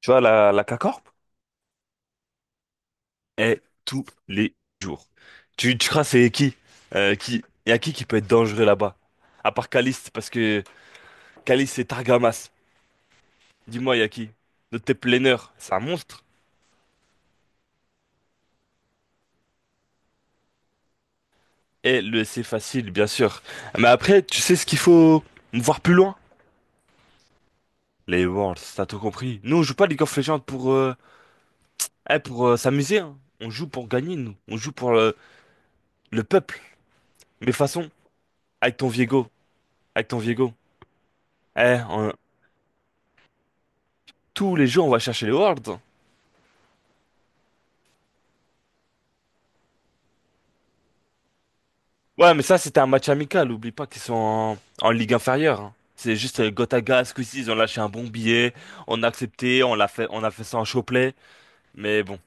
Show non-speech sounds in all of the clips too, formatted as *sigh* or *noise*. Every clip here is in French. Tu vois, la K-Corp est tous les jours. Tu crois c'est qui? Qui? Y a qui peut être dangereux là-bas? À part Caliste, parce que Caliste c'est Targamas. Dis-moi, y a qui? Notre tes planeurs, c'est un monstre. Et le c'est facile, bien sûr. Mais après, tu sais ce qu'il faut voir plus loin? Les Worlds, t'as tout compris. Nous, on joue pas League of Legends pour s'amuser, hein. On joue pour gagner, nous. On joue pour le peuple. Mais de toute façon, avec ton Viego, avec ton Viego, eh, on- tous les jours, on va chercher les Worlds. Ouais, mais ça, c'était un match amical. Oublie pas qu'ils sont en ligue inférieure, hein. C'est juste Gotaga, ce coup-ci, ils ont lâché un bon billet. On a accepté, on l'a fait, on a fait ça en chopelet. Mais bon.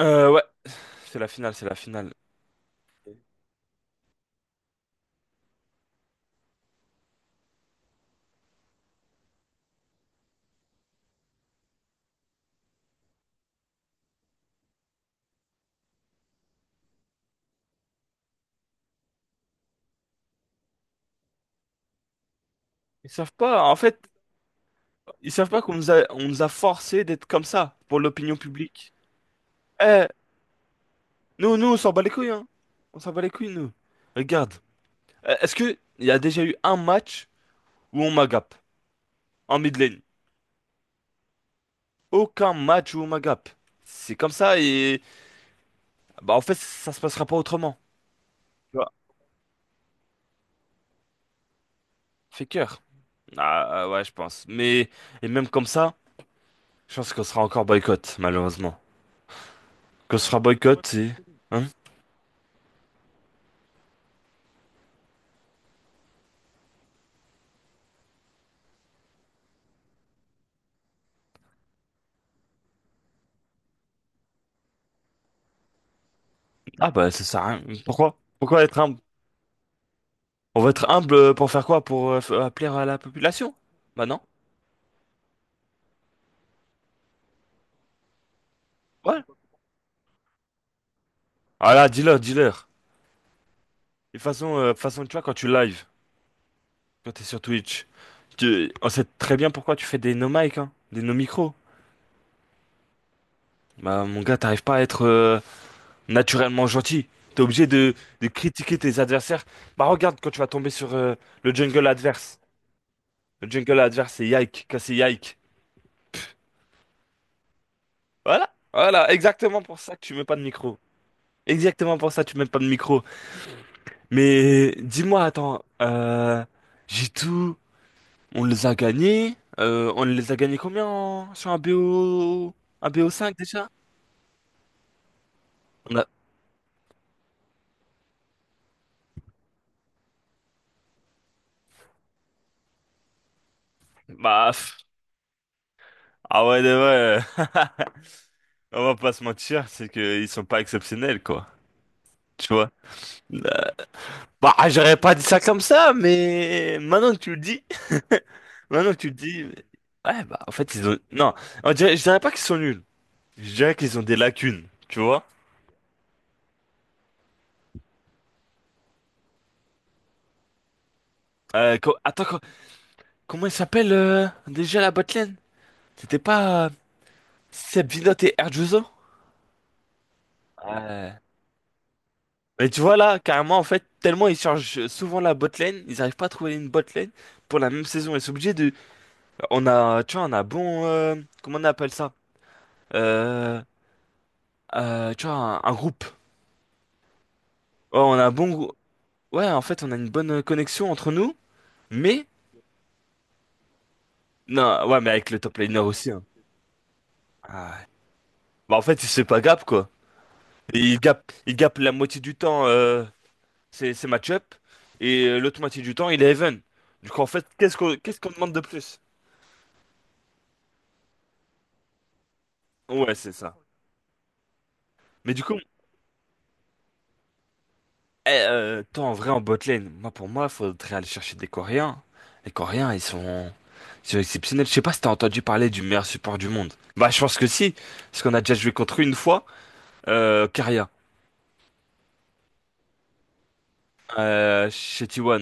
Ouais, c'est la finale, c'est la finale. Ils savent pas, en fait, ils savent pas qu'on nous a forcé d'être comme ça pour l'opinion publique. Eh, Nous, nous, on s'en bat les couilles, hein. On s'en bat les couilles, nous. Regarde. Est-ce que il y a déjà eu un match où on m'agape en mid lane? Aucun match où on m'agape. C'est comme ça, et bah, en fait, ça se passera pas autrement. Tu vois. Fait cœur. Ah, ah, ouais, je pense. Mais, et même comme ça, je pense qu'on sera encore boycott, malheureusement. Qu'on sera boycott, c'est. Hein? Ah, bah, ça sert à rien. Pourquoi? Pourquoi être humble? On va être humble pour faire quoi? Pour plaire à la population? Bah, non. Ouais. Ah là, dis-leur, dis-leur. Et de toute façon, tu vois, quand tu live, quand t'es sur Twitch, on sait très bien pourquoi tu fais des no mic, hein, des no micro. Bah, mon gars, t'arrives pas à être naturellement gentil. T'es obligé de critiquer tes adversaires. Bah regarde quand tu vas tomber sur le jungle adverse. Le jungle adverse, c'est Yike, c'est Yike. Voilà, voilà, exactement pour ça que tu mets pas de micro. Exactement pour ça que tu mets pas de micro. Mais dis-moi, attends, j'ai tout, on les a gagnés. On les a gagnés combien sur un BO, un BO5 déjà? On a- Bah, pff. Ah ouais, ouais. Ouais. *laughs* On va pas se mentir, c'est qu'ils sont pas exceptionnels, quoi. Tu vois? Bah, j'aurais pas dit ça comme ça, mais maintenant que tu le dis, *laughs* maintenant que tu le dis, ouais, bah, en fait, ils ont, non, je dirais pas qu'ils sont nuls. Je dirais qu'ils ont des lacunes, tu vois. Attends, comment il s'appelle, déjà la botlane? C'était pas, Seb Vinote et Herjuzo? Ouais. Mais tu vois là, carrément, en fait, tellement ils changent souvent la botlane, ils arrivent pas à trouver une botlane pour la même saison. Ils sont obligés de, on a, tu vois, on a bon, comment on appelle ça? Euh, Tu vois, un groupe. Oh, on a un bon goût. Ouais, en fait, on a une bonne connexion entre nous, mais... Non, ouais, mais avec le top laner aussi, hein. Ah, ouais. Bah, en fait, c'est pas gap, quoi. Et il gap la moitié du temps, c'est match-up, et l'autre moitié du temps, il est even. Du coup, en fait, qu'est-ce qu'on demande de plus? Ouais, c'est ça. Mais du coup, toi, en vrai, en bot lane, moi, pour moi, faudrait aller chercher des Coréens. Les Coréens, ils sont exceptionnels. Je sais pas si t'as entendu parler du meilleur support du monde. Bah, je pense que si, parce qu'on a déjà joué contre eux une fois. Caria, chez T1.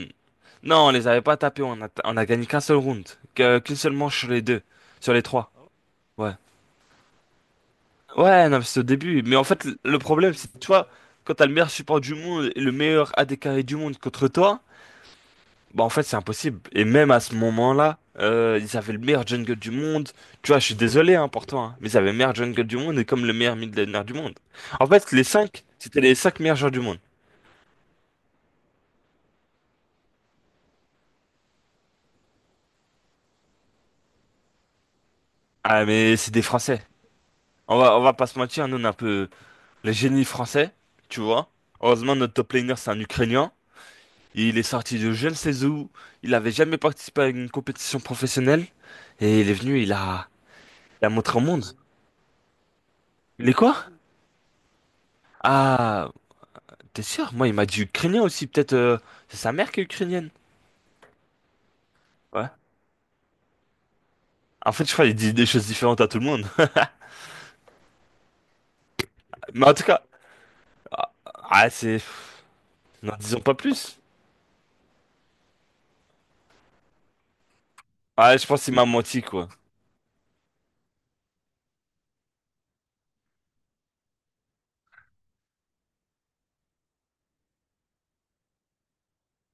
Non, on les avait pas tapés, on a gagné qu'un seul round, qu'une seule manche sur les deux, sur les trois. Ouais. Ouais, non, mais c'est au début. Mais en fait, le problème, c'est que tu vois, quand t'as le meilleur support du monde et le meilleur AD carré du monde contre toi, bah en fait, c'est impossible. Et même à ce moment-là, ils avaient le meilleur jungle du monde. Tu vois, je suis désolé hein, pour toi, hein, mais ils avaient le meilleur jungle du monde et comme le meilleur mid laner du monde. En fait, les cinq, c'était les cinq meilleurs joueurs du monde. Ah, mais c'est des Français. On va pas se mentir, nous on est un peu le génie français, tu vois. Heureusement, notre top laner c'est un Ukrainien. Il est sorti de je ne sais où. Il avait jamais participé à une compétition professionnelle. Et il est venu, il a montré au monde. Il est quoi? Ah, t'es sûr? Moi, il m'a dit Ukrainien aussi. Peut-être c'est sa mère qui est ukrainienne. Ouais. En fait, je crois qu'il dit des choses différentes à tout le monde. *laughs* Mais en tout cas, ah, ah, c'est. N'en disons pas plus. Ah, je pense qu'il m'a menti, quoi.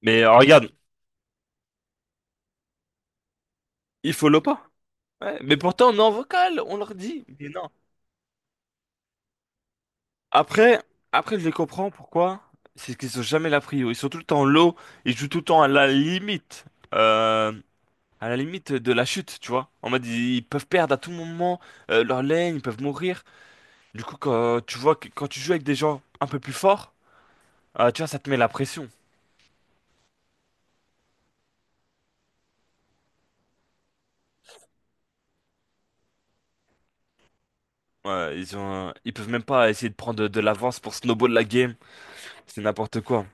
Mais regarde, il follow pas. Ouais, mais pourtant, on est en vocal, on leur dit. Mais non. Après, après, je les comprends pourquoi. C'est qu'ils sont jamais la prio. Ils sont tout le temps low. Ils jouent tout le temps à la limite, euh, à la limite de la chute, tu vois. En mode, ils peuvent perdre à tout moment leur lane, ils peuvent mourir. Du coup, quand tu vois que quand tu joues avec des gens un peu plus forts, tu vois, ça te met la pression. Ouais, ils ont, ils peuvent même pas essayer de prendre de l'avance pour snowball la game. C'est n'importe quoi.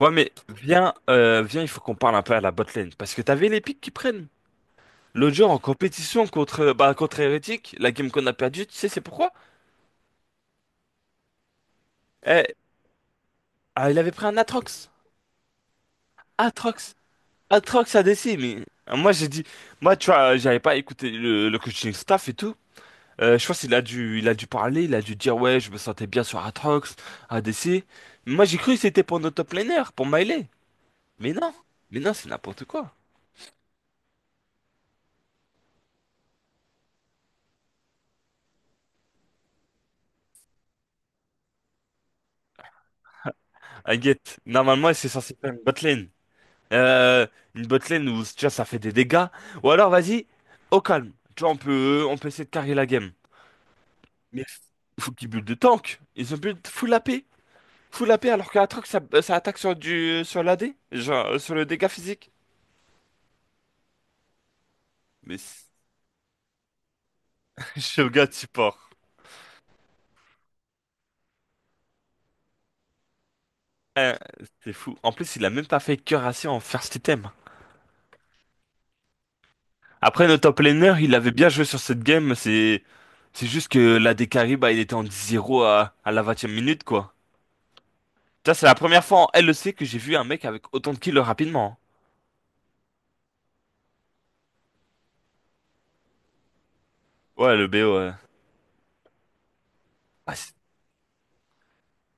Ouais, mais viens, il faut qu'on parle un peu à la botlane. Parce que t'avais les pics qui prennent. L'autre jour, en compétition contre, bah, contre Hérétique, la game qu'on a perdue, tu sais, c'est pourquoi? Eh, il avait pris un Atrox. Atrox. Atrox a ADC, mais moi j'ai dit, moi tu vois, j'avais pas écouté le coaching staff et tout. Je pense qu'il a dû, parler, il a dû dire ouais, je me sentais bien sur Atrox, ADC. Mais moi j'ai cru que c'était pour notre top laner, pour Miley. Mais non, mais non, c'est n'importe quoi. Aguette, normalement c'est censé faire une botlane. Euh, une botlane où déjà ça fait des dégâts. Ou alors vas-y, au calme. Tu vois, on peut essayer de carrer la game. Mais faut qu'ils build de tank. Ils ont build full AP. Full AP alors que la truc ça, ça attaque sur l'AD. Genre sur le dégât physique. Mais c'est- *laughs* Shogun support. Euh, *laughs* c'est fou. En plus, il a même pas fait cœur assez en first item. Après, notre top laner, il avait bien joué sur cette game. C'est juste que l'AD carry, bah, il était en 10-0 à la 20e minute, quoi. Ça, c'est la première fois en LEC que j'ai vu un mec avec autant de kills rapidement, hein. Ouais, le BO, ah, c'est-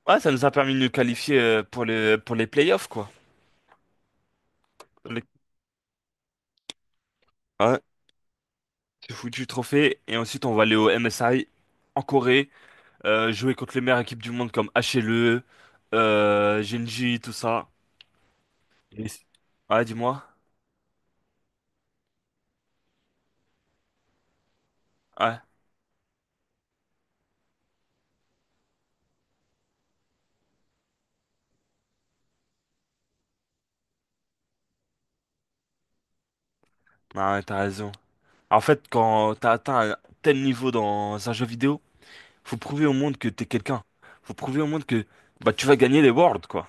ouais, ça nous a permis de nous qualifier pour les playoffs, quoi. Les- Ouais, c'est foutu trophée. Et ensuite, on va aller au MSI en Corée, jouer contre les meilleures équipes du monde comme HLE, Genji, tout ça. Et ouais, dis-moi. Ouais, non, ouais, t'as raison. En fait, quand t'as atteint un tel niveau dans un jeu vidéo, faut prouver au monde que t'es quelqu'un. Faut prouver au monde que bah, tu vas gagner les Worlds, quoi.